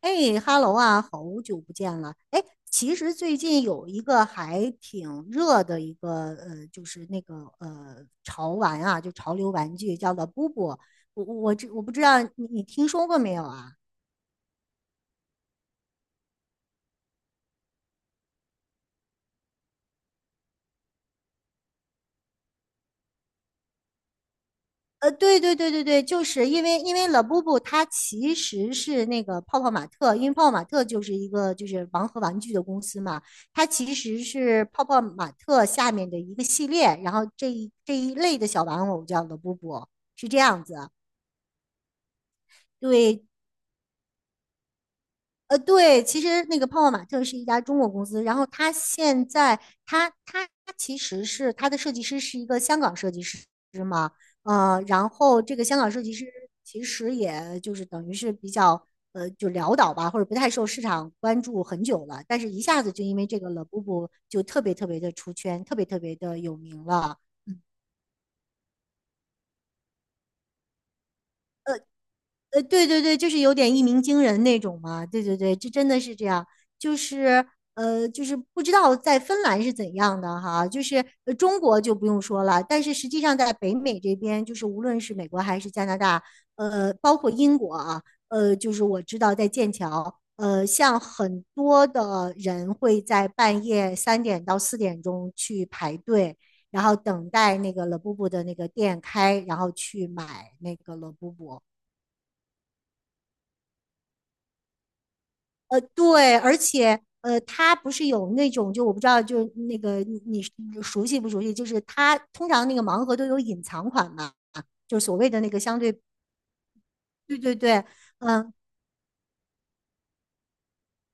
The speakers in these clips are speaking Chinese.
哎哈喽啊，好久不见了。哎，其实最近有一个还挺热的一个就是那个潮玩啊，就潮流玩具，叫做布布。我不知道你听说过没有啊？对对对对对，就是因为 l 布布它其实是那个泡泡玛特，因为泡泡玛特就是一个就是盲盒玩具的公司嘛，它其实是泡泡玛特下面的一个系列，然后这一类的小玩偶叫 l 布布，是这样子。对，对，其实那个泡泡玛特是一家中国公司，然后它现在，它其实是它的设计师是一个香港设计师嘛，然后这个香港设计师其实也就是等于是比较就潦倒吧，或者不太受市场关注很久了，但是一下子就因为这个 l 布布就特别特别的出圈，特别特别的有名了。对对对，就是有点一鸣惊人那种嘛。对对对，这真的是这样。就是就是不知道在芬兰是怎样的哈，就是中国就不用说了，但是实际上在北美这边，就是无论是美国还是加拿大，包括英国啊，就是我知道在剑桥，像很多的人会在半夜3点到4点钟去排队。然后等待那个 l e b u b 的那个店开，然后去买那个 l e b u b。 对，而且它不是有那种，就我不知道，就那个你熟悉不熟悉？就是它通常那个盲盒都有隐藏款嘛，就是所谓的那个相对，对对对，嗯、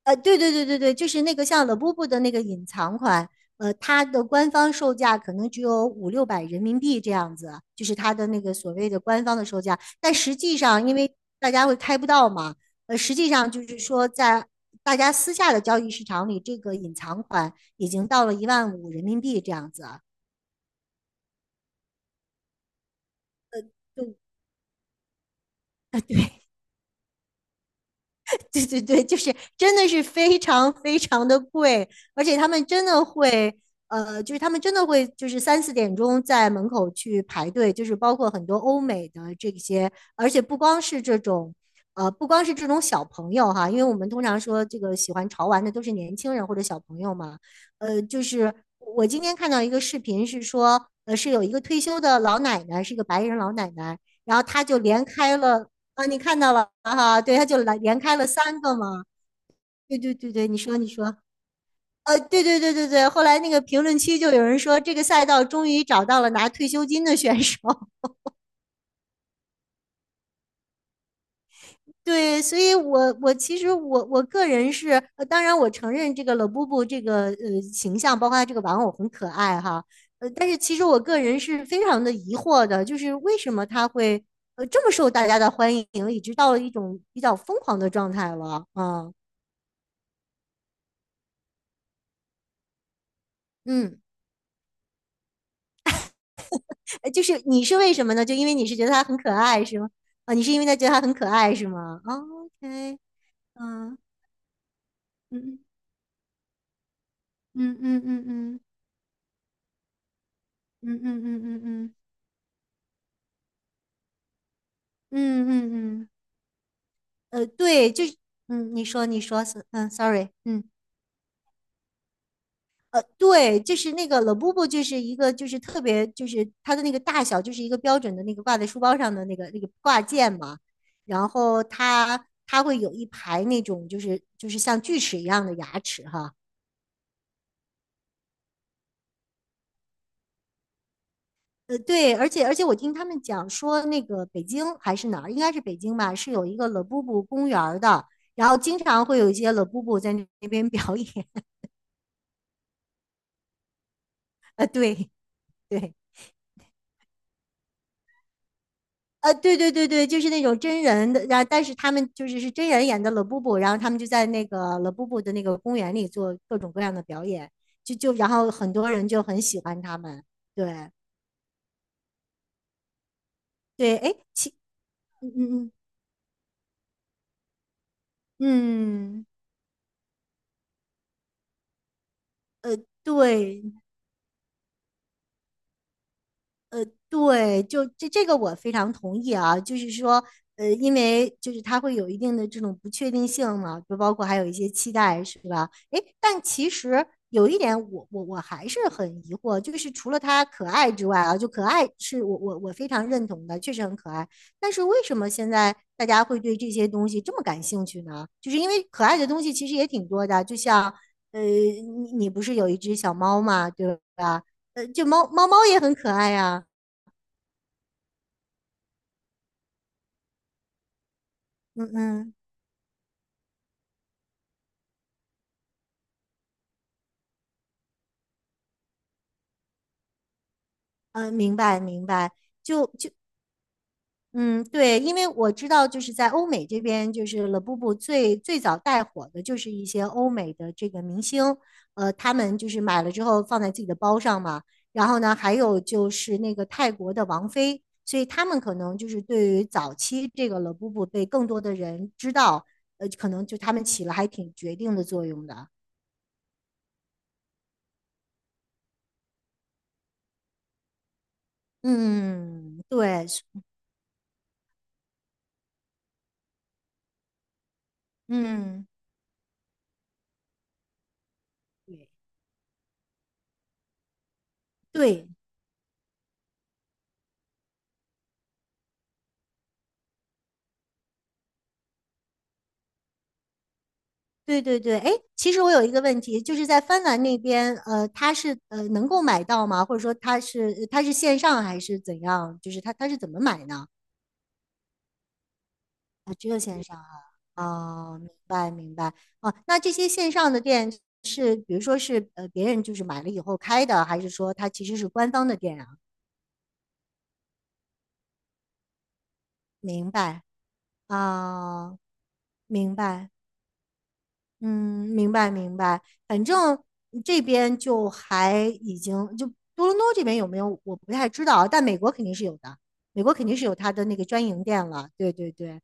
对对对对对，就是那个像 Labubu 的那个隐藏款，它的官方售价可能只有五六百人民币这样子，就是它的那个所谓的官方的售价。但实际上，因为大家会开不到嘛，实际上就是说，在大家私下的交易市场里，这个隐藏款已经到了1.5万人民币这样子。对，啊，对，对对对，就是真的是非常非常的贵，而且他们真的会，就是他们真的会，就是3、4点钟在门口去排队，就是包括很多欧美的这些，而且不光是这种。不光是这种小朋友哈，因为我们通常说这个喜欢潮玩的都是年轻人或者小朋友嘛。就是我今天看到一个视频是说，是有一个退休的老奶奶，是一个白人老奶奶，然后她就连开了。啊，你看到了哈，对，他就来连开了三个嘛，对对对对，你说你说，对对对对对，后来那个评论区就有人说，这个赛道终于找到了拿退休金的选手，对，所以我其实我个人是，当然我承认这个老布布这个形象，包括他这个玩偶很可爱哈，但是其实我个人是非常的疑惑的，就是为什么他会这么受大家的欢迎，已经到了一种比较疯狂的状态了啊，嗯。就是你是为什么呢？就因为你是觉得他很可爱是吗？啊，你是因为他觉得他很可爱是吗哦？OK，嗯嗯嗯嗯嗯嗯嗯嗯嗯嗯嗯嗯嗯嗯，对，就是你说是sorry，嗯。对，就是那个 l 布布就是一个就是特别就是它的那个大小，就是一个标准的那个挂在书包上的那个挂件嘛。然后它会有一排那种就是就是像锯齿一样的牙齿哈，对，而且我听他们讲说，那个北京还是哪儿，应该是北京吧，是有一个 l 布布公园儿的，然后经常会有一些 l 布布在那边表演。对对，对对对对，就是那种真人的，然后但是他们就是是真人演的 l 布布，然后他们就在那个 l 布布的那个公园里做各种各样的表演，就然后很多人就很喜欢他们。对对，哎，嗯嗯嗯嗯，对对，就这这个我非常同意啊，就是说，因为就是它会有一定的这种不确定性嘛，就包括还有一些期待，是吧？诶，但其实有一点我，我还是很疑惑，就是除了它可爱之外啊，就可爱是我非常认同的，确实很可爱。但是为什么现在大家会对这些东西这么感兴趣呢？就是因为可爱的东西其实也挺多的，就像，你不是有一只小猫嘛，对吧？就猫也很可爱呀、嗯嗯嗯，明白明白。嗯，对，因为我知道，就是在欧美这边，就是 u 布布最早带火的就是一些欧美的这个明星，他们就是买了之后放在自己的包上嘛。然后呢，还有就是那个泰国的王菲，所以他们可能就是对于早期这个 u 布布被更多的人知道，可能就他们起了还挺决定的作用的。嗯，对，嗯，对对。对对对，哎，其实我有一个问题，就是在芬兰那边，它是能够买到吗？或者说它是线上还是怎样？就是它是怎么买呢？啊，只有线上啊。哦，明白明白。哦，那这些线上的店是，比如说是别人就是买了以后开的，还是说它其实是官方的店啊？明白啊，明白。嗯，明白明白，反正这边就还已经就多伦多这边有没有我不太知道啊，但美国肯定是有的，美国肯定是有它的那个专营店了。对对对，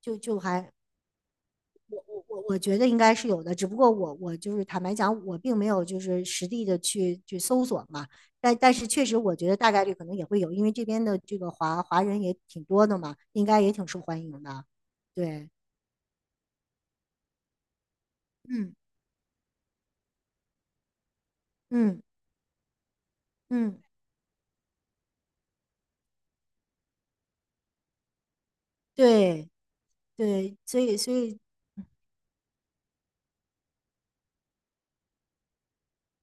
就还我觉得应该是有的，只不过我就是坦白讲，我并没有就是实地的去去搜索嘛，但但是确实我觉得大概率可能也会有，因为这边的这个华华人也挺多的嘛，应该也挺受欢迎的。对，嗯嗯嗯，对对，所以所以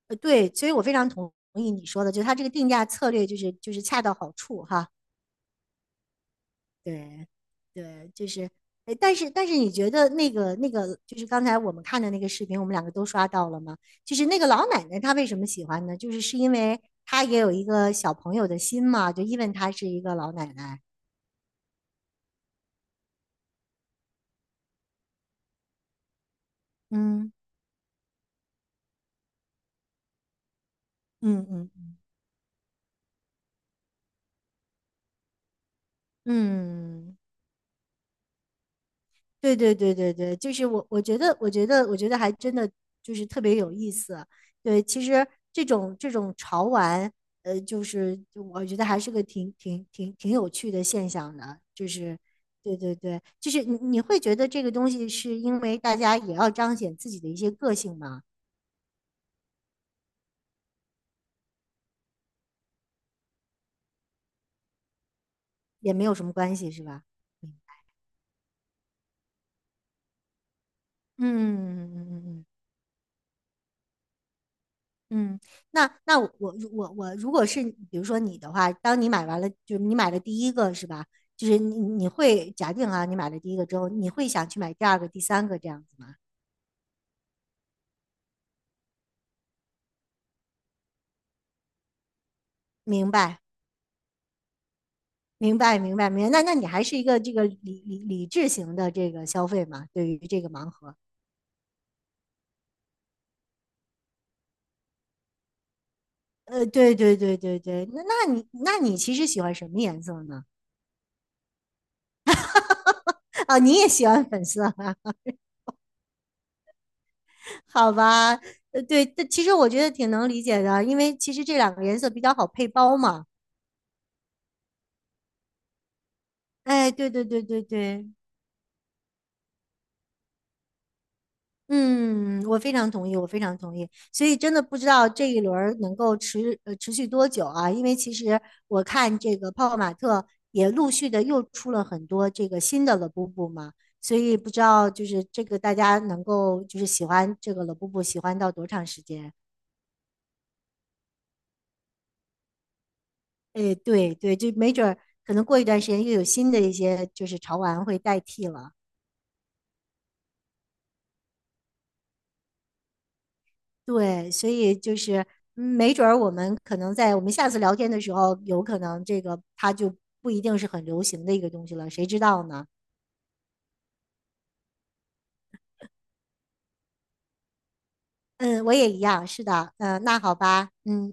对，所以我非常同意你说的，就是它这个定价策略就是就是恰到好处哈。对，对，就是，哎，但是但是你觉得那个那个就是刚才我们看的那个视频，我们两个都刷到了吗？就是那个老奶奶她为什么喜欢呢？就是是因为她也有一个小朋友的心嘛，就因为她是一个老奶奶。嗯嗯嗯嗯。嗯对对对对对，就是我，我觉得，我觉得，我觉得还真的就是特别有意思。对，其实这种这种潮玩，就是我觉得还是个挺有趣的现象的。就是，对对对，就是你会觉得这个东西是因为大家也要彰显自己的一些个性嘛，也没有什么关系，是吧？嗯嗯嗯嗯嗯。嗯，那那我如果是比如说你的话，当你买完了，就是你买了第一个是吧？就是你会假定啊，你买了第一个之后，你会想去买第二个、第三个这样子吗？明白，明白，明白，明白。那那你还是一个这个理智型的这个消费嘛？对于这个盲盒，对对对对对，那那你其实喜欢什么颜色呢？啊，你也喜欢粉色啊？好吧，对，这其实我觉得挺能理解的，因为其实这两个颜色比较好配包嘛。哎，对对对对对，嗯，我非常同意，我非常同意。所以真的不知道这一轮儿能够持续多久啊？因为其实我看这个泡泡玛特也陆续的又出了很多这个新的乐布布嘛，所以不知道就是这个大家能够就是喜欢这个乐布布喜欢到多长时间？哎，对对，就没准儿可能过一段时间又有新的一些就是潮玩会代替了。对，所以就是没准儿我们可能在我们下次聊天的时候，有可能这个它就不一定是很流行的一个东西了，谁知道呢？嗯，我也一样，是的，嗯，那好吧，嗯，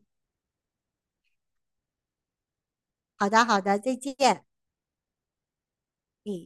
好的，好的，再见，嗯。